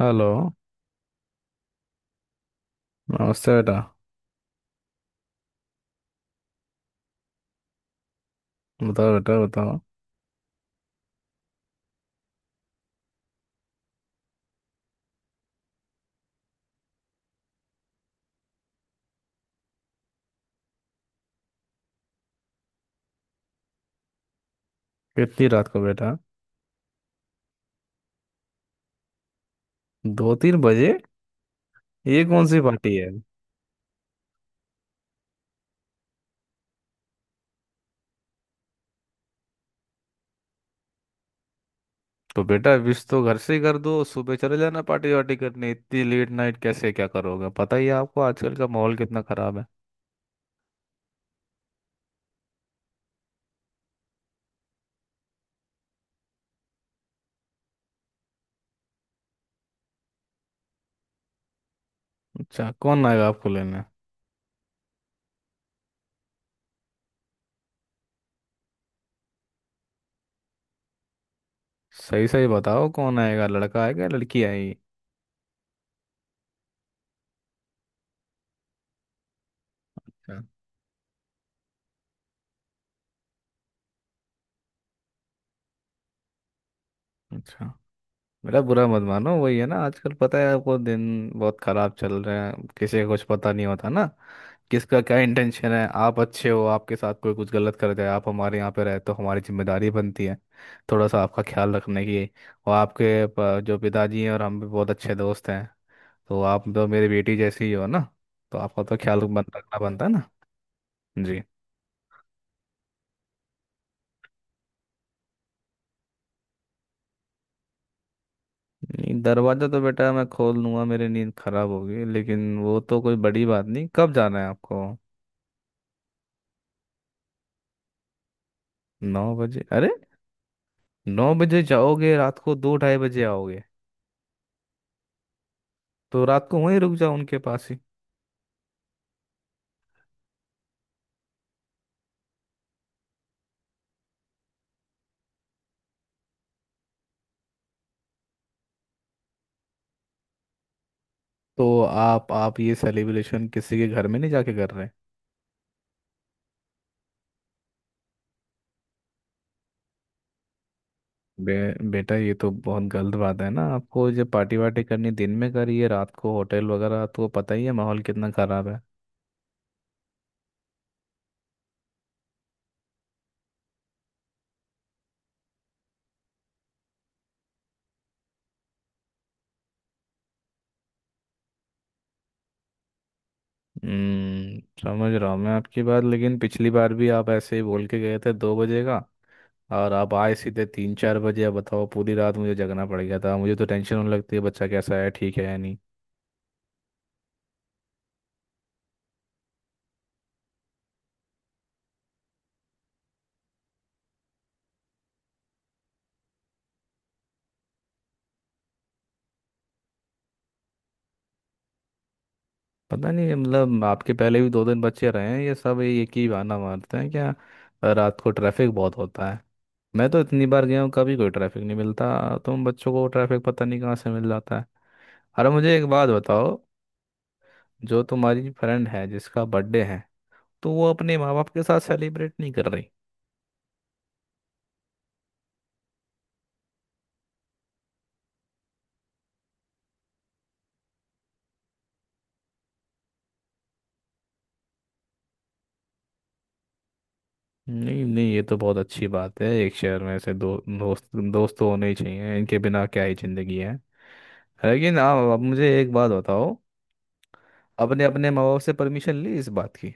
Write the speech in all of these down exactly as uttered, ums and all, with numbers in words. Hello. नमस्ते बेटा। बताओ बेटा बताओ। कितनी रात को बेटा? दो तीन बजे? ये कौन सी पार्टी है? तो बेटा, विश तो घर से ही कर दो, सुबह चले जाना पार्टी वार्टी करने। इतनी लेट नाइट कैसे, क्या करोगे? पता ही है आपको, आजकल का माहौल कितना खराब है। अच्छा, कौन आएगा आपको लेने? सही सही बताओ, कौन आएगा, लड़का आएगा या लड़की आएगी? अच्छा। मेरा बुरा मत मानो, वही है ना, आजकल पता है आपको, दिन बहुत खराब चल रहे हैं, किसी को कुछ पता नहीं होता ना, किसका क्या इंटेंशन है। आप अच्छे हो, आपके साथ कोई कुछ गलत कर जाए, आप हमारे यहाँ पे रहे तो हमारी जिम्मेदारी बनती है थोड़ा सा आपका ख्याल रखने की। और आपके प- जो पिताजी हैं और हम भी बहुत अच्छे दोस्त हैं, तो आप तो मेरी बेटी जैसी ही हो ना, तो आपका तो ख्याल बन रखना बनता है ना। जी। नहीं, दरवाज़ा तो बेटा मैं खोल लूंगा, मेरी नींद खराब होगी लेकिन वो तो कोई बड़ी बात नहीं। कब जाना है आपको? नौ बजे? अरे, नौ बजे जाओगे, रात को दो ढाई बजे आओगे? तो रात को वहीं रुक जाओ उनके पास ही। तो आप आप ये सेलिब्रेशन किसी के घर में नहीं जाके कर रहे? बे, बेटा, ये तो बहुत गलत बात है ना, आपको जब पार्टी वार्टी करनी, दिन में करिए, रात को होटल वगैरह तो पता ही है माहौल कितना खराब है। हम्म समझ रहा हूँ मैं आपकी बात, लेकिन पिछली बार भी आप ऐसे ही बोल के गए थे दो बजे का, और आप आए सीधे तीन चार बजे। अब बताओ, पूरी रात मुझे जगना पड़ गया था, मुझे तो टेंशन होने लगती है, बच्चा कैसा है, ठीक है या नहीं। पता नहीं, मतलब आपके पहले भी दो दिन बच्चे रहे हैं, ये सब ये एक ही बहाना मारते हैं क्या? रात को ट्रैफिक बहुत होता है। मैं तो इतनी बार गया हूँ, कभी कोई ट्रैफिक नहीं मिलता। तुम बच्चों को ट्रैफिक पता नहीं कहाँ से मिल जाता है। अरे, मुझे एक बात बताओ। जो तुम्हारी फ्रेंड है, जिसका बर्थडे है, तो वो अपने माँ बाप के साथ सेलिब्रेट नहीं कर रही? नहीं नहीं, ये तो बहुत अच्छी बात है, एक शहर में ऐसे दो दोस्त, दोस्त तो होने ही चाहिए, इनके बिना क्या ही जिंदगी है। लेकिन आप, अब मुझे एक बात बताओ, अपने अपने माँ बाप से परमिशन ली इस बात की?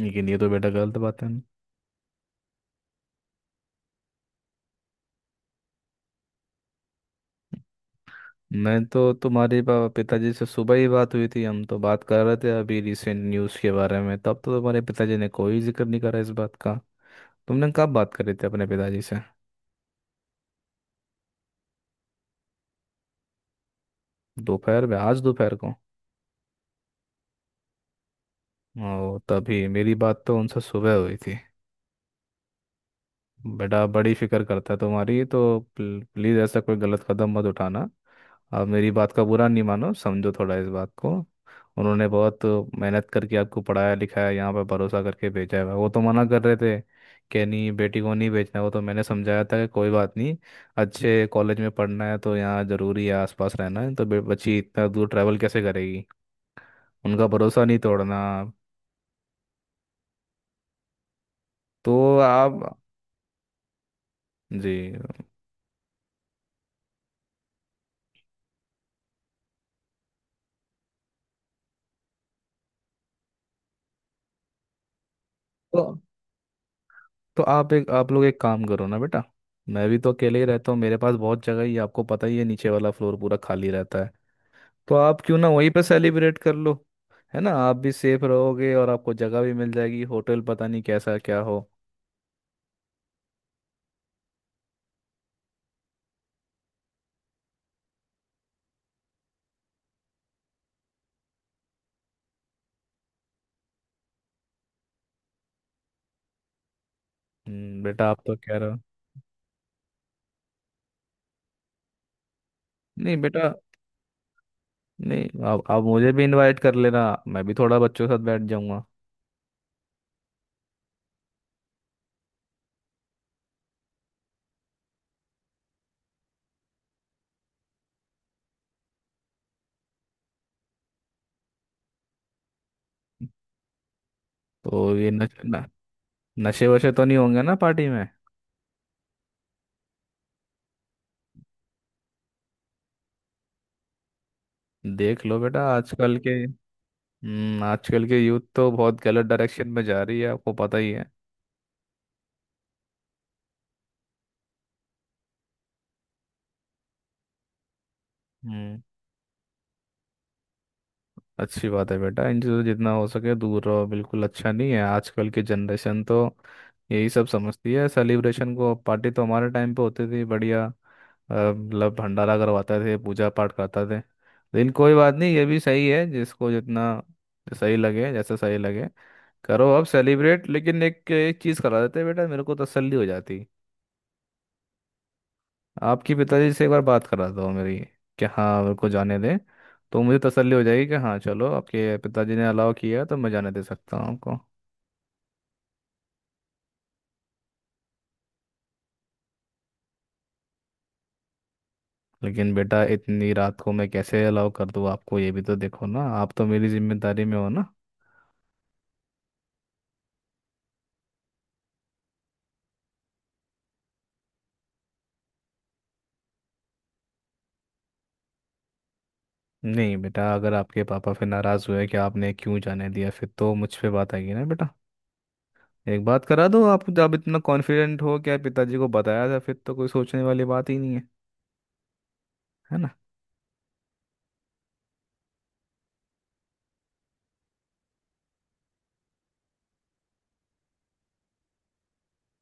लेकिन ये तो बेटा गलत बात है ना। मैं तो तुम्हारे पा- पिताजी से सुबह ही बात हुई थी, हम तो बात कर रहे थे अभी रिसेंट न्यूज़ के बारे में, तब तो तुम्हारे पिताजी ने कोई जिक्र नहीं करा इस बात का। तुमने कब बात करी थी अपने पिताजी से? दोपहर में? आज दोपहर को? ओ, तभी मेरी बात तो उनसे सुबह हुई थी। बेटा बड़ी फिक्र करता है तुम्हारी, तो प्ल- प्लीज़ ऐसा कोई गलत कदम मत उठाना। आप मेरी बात का बुरा नहीं मानो, समझो थोड़ा इस बात को। उन्होंने बहुत मेहनत करके आपको पढ़ाया लिखाया, यहाँ पर भरोसा करके भेजा है। वो तो मना कर रहे थे कि नहीं, बेटी को नहीं बेचना, वो तो मैंने समझाया था कि कोई बात नहीं, अच्छे कॉलेज में पढ़ना है तो यहाँ ज़रूरी है, आसपास रहना है तो बे- बच्ची इतना दूर ट्रैवल कैसे करेगी। उनका भरोसा नहीं तोड़ना। तो आप। जी। तो आप, एक, आप लोग एक काम करो ना बेटा, मैं भी तो अकेले ही रहता हूँ, मेरे पास बहुत जगह ही है, आपको पता ही है, नीचे वाला फ्लोर पूरा खाली रहता है। तो आप क्यों ना वहीं पे सेलिब्रेट कर लो, है ना, आप भी सेफ रहोगे और आपको जगह भी मिल जाएगी, होटल पता नहीं कैसा क्या हो। हम्म, बेटा आप तो कह रहे हो। नहीं बेटा, नहीं, आप आप मुझे भी इनवाइट कर लेना, मैं भी थोड़ा बच्चों के साथ बैठ जाऊंगा। तो ये नश, न, नशे वशे तो नहीं होंगे ना पार्टी में? देख लो बेटा आजकल के। हम्म आजकल के यूथ तो बहुत गलत डायरेक्शन में जा रही है, आपको पता ही है। हम्म अच्छी बात है बेटा, इनसे तो जितना हो सके दूर रहो, बिल्कुल अच्छा नहीं है आजकल की जनरेशन, तो यही सब समझती है सेलिब्रेशन को। पार्टी तो हमारे टाइम पे होती थी बढ़िया, अ, मतलब भंडारा करवाते थे, पूजा पाठ करते थे। लेकिन कोई बात नहीं, ये भी सही है, जिसको जितना सही लगे, जैसा सही लगे करो अब सेलिब्रेट। लेकिन एक एक चीज़ करा देते बेटा, मेरे को तसल्ली हो जाती। आपके पिताजी से एक बार बात करा दो मेरी, कि हाँ मेरे को जाने दें, तो मुझे तसल्ली हो जाएगी कि हाँ चलो आपके पिताजी ने अलाउ किया तो मैं जाने दे सकता हूँ आपको। लेकिन बेटा इतनी रात को मैं कैसे अलाउ कर दूँ आपको, ये भी तो देखो ना, आप तो मेरी जिम्मेदारी में हो ना। नहीं बेटा, अगर आपके पापा फिर नाराज़ हुए कि आपने क्यों जाने दिया, फिर तो मुझ पे बात आएगी ना बेटा। एक बात करा दो, आप जब इतना कॉन्फिडेंट हो कि आप पिताजी को बताया था, फिर तो कोई सोचने वाली बात ही नहीं है, है ना?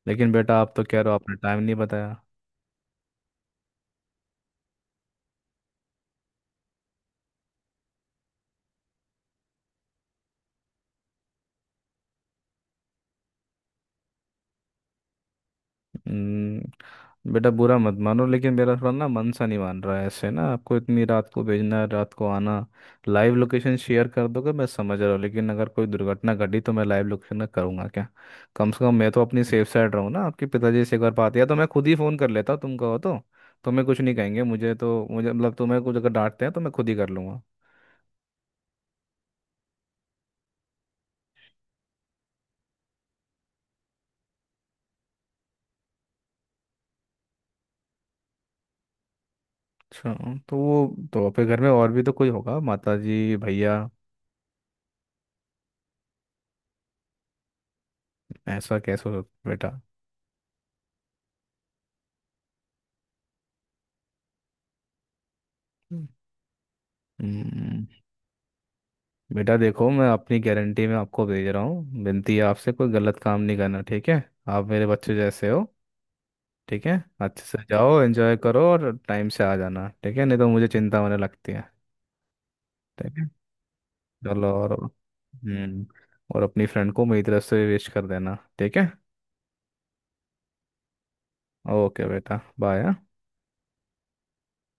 लेकिन बेटा आप तो कह रहे हो आपने टाइम नहीं बताया। हम्म, बेटा बुरा मत मानो, लेकिन मेरा थोड़ा ना मन सा नहीं मान रहा है ऐसे ना, आपको इतनी रात को भेजना, रात को आना। लाइव लोकेशन शेयर कर दोगे, मैं समझ रहा हूँ, लेकिन अगर कोई दुर्घटना घटी तो मैं लाइव लोकेशन का करूँगा क्या? कम से कम मैं तो अपनी सेफ साइड रहूँ ना, आपके पिताजी से एक बार बात, या तो मैं खुद ही फ़ोन कर लेता, तुम कहो तो। तुम्हें कुछ नहीं कहेंगे, मुझे तो मुझे मतलब तुम्हें कुछ अगर डांटते हैं तो मैं खुद ही कर लूँगा। अच्छा। तो वो तो आपके घर में और भी तो कोई होगा, माता जी, भैया? ऐसा कैसे हो सकता है बेटा। हम्म बेटा देखो, मैं अपनी गारंटी में आपको भेज रहा हूँ, विनती है आपसे, कोई गलत काम नहीं करना, ठीक है? आप मेरे बच्चे जैसे हो। ठीक है, अच्छे से जाओ, एंजॉय करो और टाइम से आ जाना ठीक है, नहीं तो मुझे चिंता होने लगती है। ठीक है। चलो, और हम्म और अपनी फ्रेंड को मेरी तरफ से विश कर देना, ठीक है? ओके बेटा, बाय।